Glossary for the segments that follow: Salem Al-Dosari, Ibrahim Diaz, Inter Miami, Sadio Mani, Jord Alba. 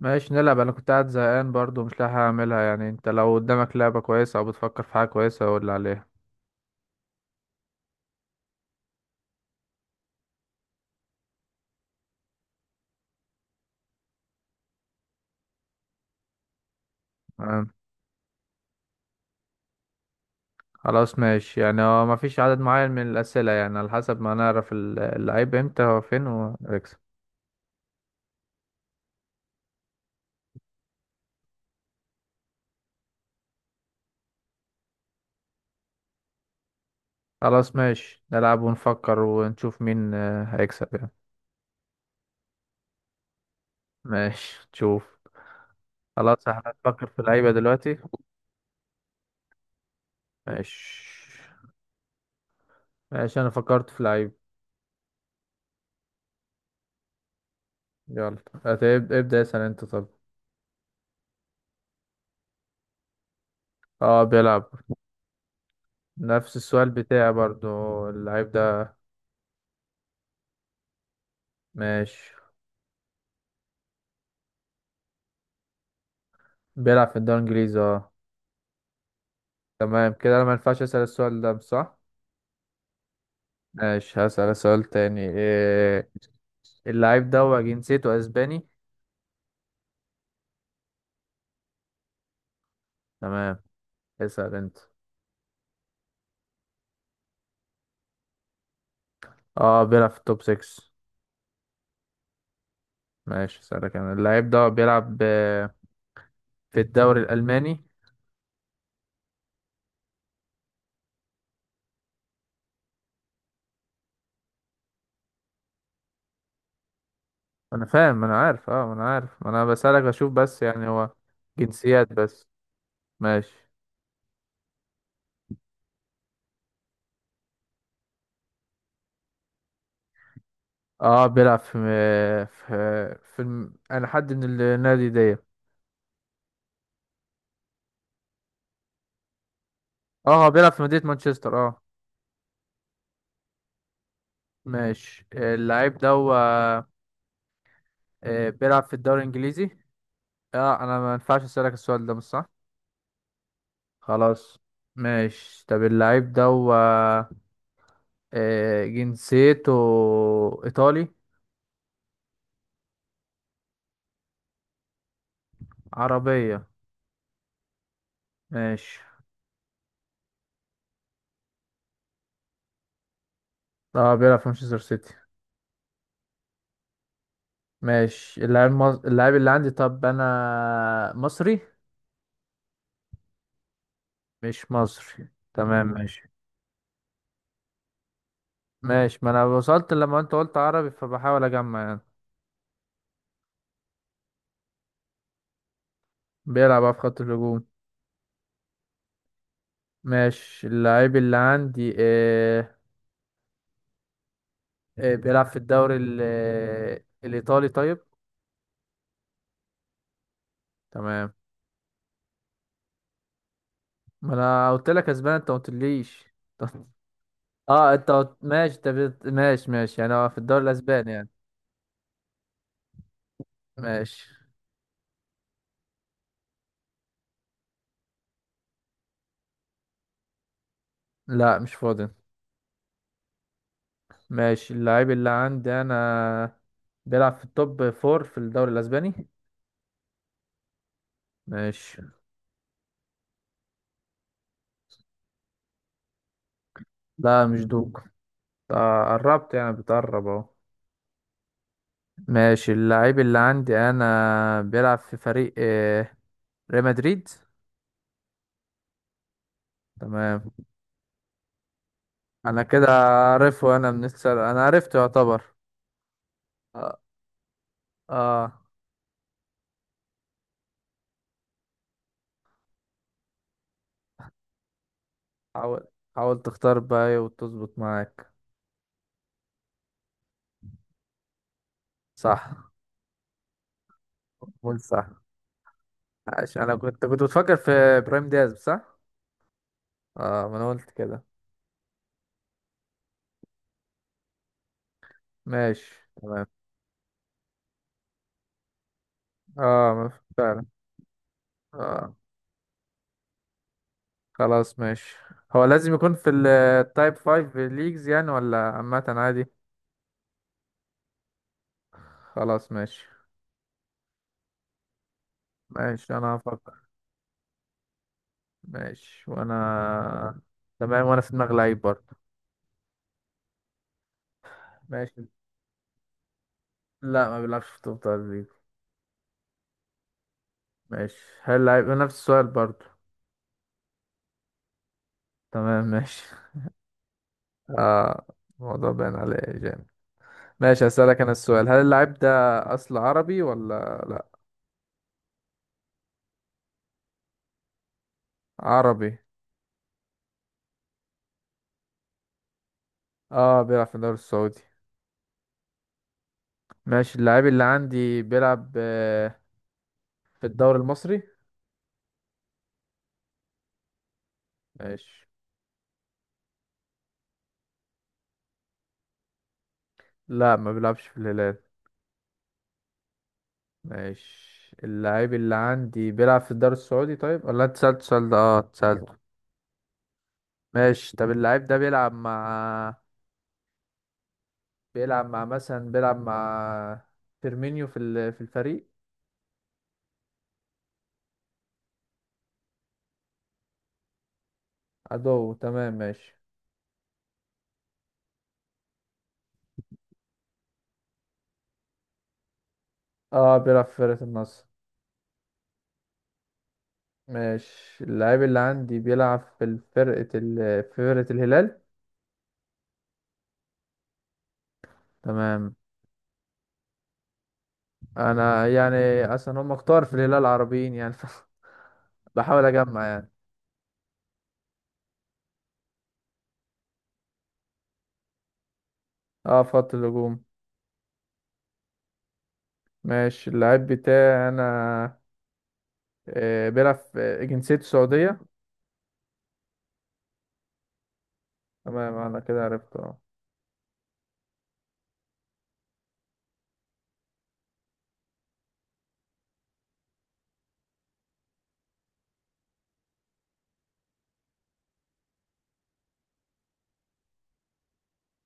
ماشي، نلعب. انا كنت قاعد زهقان برضو، مش لاقي حاجة اعملها. يعني انت لو قدامك لعبة كويسة او بتفكر في حاجة كويسة قول لي عليها. تمام. خلاص ماشي، يعني هو مفيش عدد معين من الأسئلة، يعني على حسب ما نعرف اللعيب امتى هو فين وهيكسب. خلاص ماشي، نلعب ونفكر ونشوف مين هيكسب يعني. ماشي تشوف. خلاص، احنا هنفكر في لعيبة دلوقتي. ماشي. ماشي، انا فكرت في لعيب. يلا. هتبدأ ابدأ اسأل انت؟ طب. اه بيلعب. نفس السؤال بتاعي برضو. اللعيب ده. ماشي. بيلعب في الدوري الانجليزي، اه. تمام كده، انا ما ينفعش اسال السؤال ده صح. ماشي، هسال سؤال تاني إيه. اللعيب ده هو جنسيته اسباني؟ تمام. اسال انت. اه بيلعب في التوب 6. ماشي، اسالك انا، اللعيب ده بيلعب في الدوري الالماني؟ انا فاهم، ما انا عارف، اه ما انا عارف، ما انا بسالك اشوف بس، يعني هو جنسيات بس. ماشي. اه بيلعب في انا حد من النادي دي. اه هو بيلعب في مدينة مانشستر. ماشي، اللعيب ده هو بيلعب في الدوري الانجليزي؟ اه انا ما ينفعش اسالك السؤال ده، مش صح. خلاص. ماشي، طب اللعيب ده هو جنسيته ايطالي؟ عربية؟ ماشي. اه بيلعب في مانشستر سيتي. ماشي. اللعيب اللي عندي، طب انا مصري؟ مش مصري. تمام ماشي. ماشي، ما انا وصلت لما انت قلت عربي، فبحاول اجمع يعني. بيلعب بقى في خط الهجوم. ماشي، اللعيب اللي عندي بيلعب في الدوري الإيطالي طيب؟ تمام. ما انا قلت لك اسباني انت ما قلتليش طب- اه ماشي، طب ماشي ماشي، يعني هو في الدوري الاسباني يعني. ماشي. لا مش فاضي. ماشي، اللعيب اللي عندي انا بيلعب في التوب فور في الدوري الاسباني. ماشي. لا مش دوك. قربت يعني، بتقرب اهو. ماشي، اللعيب اللي عندي انا بيلعب في فريق ريال مدريد. تمام. انا كده عارفه، انا من السر انا عرفته يعتبر. اه. آه. حاول، حاول تختار بقى وتظبط معاك. صح. قول صح. عشان انا كنت بتفكر في ابراهيم دياز، صح؟ اه ما انا قلت كده. ماشي. تمام. اه ما فعلا. اه. خلاص ماشي. هو لازم يكون في التايب 5 ليجز يعني ولا عامة عادي؟ خلاص ماشي. ماشي انا هفكر. ماشي. وانا تمام، وانا في دماغي لعيب برضه. ماشي. لا ما بيلعبش في توب تدريب. ماشي، هل لعيب نفس السؤال برضو؟ تمام ماشي آه، الموضوع باين عليه جامد. ماشي، هسألك أنا السؤال، هل اللاعب ده أصل عربي ولا لا؟ عربي؟ اه بيلعب في الدوري السعودي. ماشي، اللاعب اللي عندي بيلعب في الدوري المصري؟ ماشي. لا ما بيلعبش في الهلال. ماشي. اللاعب اللي عندي بيلعب في الدوري السعودي طيب، ولا انت سألت السؤال ده؟ اه سألته. ماشي. طب اللاعب ده بيلعب مع، بيلعب مع مثلا، بيلعب مع فيرمينيو في في الفريق؟ عدو؟ تمام ماشي. اه بيلعب في فرقة النصر. ماشي، اللاعب اللي عندي بيلعب في في فرقة الهلال. تمام. انا يعني اصلا هم كتار في الهلال العربيين يعني بحاول اجمع يعني. اه في خط الهجوم. ماشي، اللاعب بتاعي انا بيلعب في، جنسيته سعودية. تمام انا كده عرفته.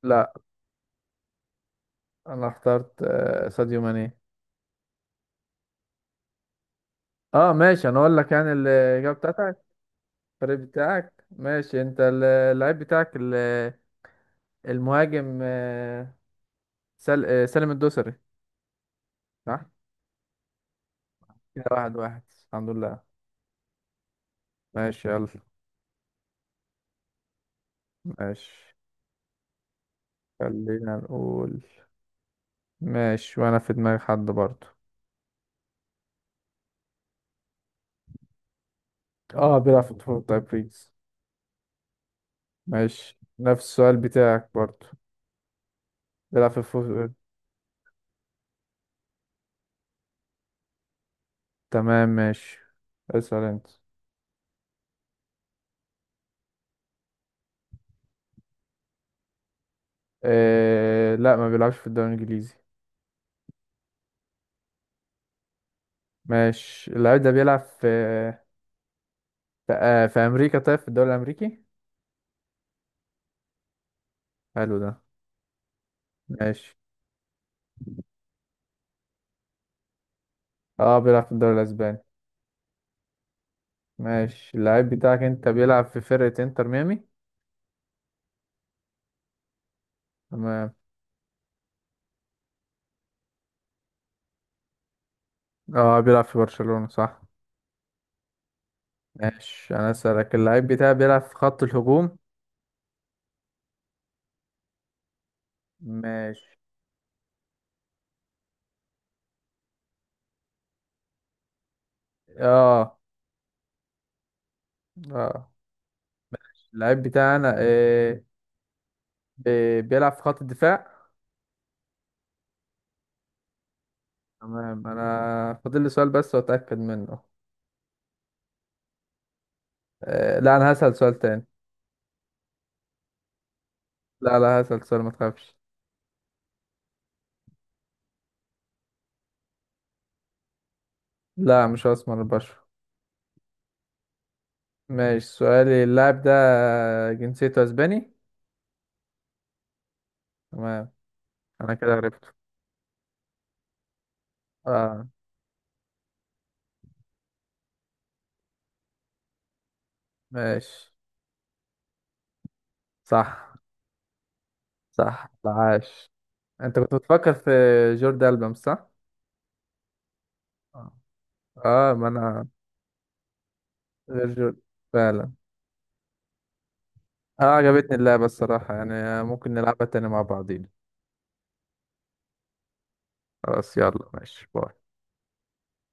لا، انا اخترت ساديو ماني. اه ماشي، انا اقول لك يعني الاجابه بتاعتك، الفريق بتاعك. ماشي، انت اللعيب بتاعك المهاجم آه، سل... آه، سالم الدوسري. صح. كده واحد واحد، الحمد لله. ماشي يلا. ماشي. خلينا نقول. ماشي، وانا في دماغي حد برضه. اه بيلعب في الفوز طيب بيس. ماشي، نفس السؤال بتاعك برضه. بيلعب في الفوز. تمام ماشي. اسأل انت. آه... لا ما بيلعبش في الدوري الانجليزي. ماشي، اللعيب ده بيلعب في في امريكا طيب، في الدوري الامريكي. حلو ده. ماشي، اه بيلعب في الدوري الاسباني. ماشي، اللعيب بتاعك انت بيلعب في فرقة انتر ميامي؟ تمام. اه بيلعب في برشلونة، صح. ماشي، انا اسالك، اللعيب بتاعي بيلعب في خط الهجوم؟ ماشي. اه اه. اللعيب بتاعي انا بيلعب في خط الدفاع. تمام، انا فاضل لي سؤال بس واتاكد منه. آه لا، انا هسال سؤال تاني. لا لا، هسال سؤال ما تخافش. لا مش اسمر البشر. ماشي، سؤالي، اللاعب ده جنسيته اسباني؟ تمام انا كده عرفته. اه. ماشي. صح. صح، عاش. انت كنت بتفكر في جورد ألبا، مش صح؟ اه ما انا غير جورد، فعلا. اه عجبتني اللعبة الصراحة يعني، ممكن نلعبها تاني مع بعضين. خلاص يلا ماشي، باي.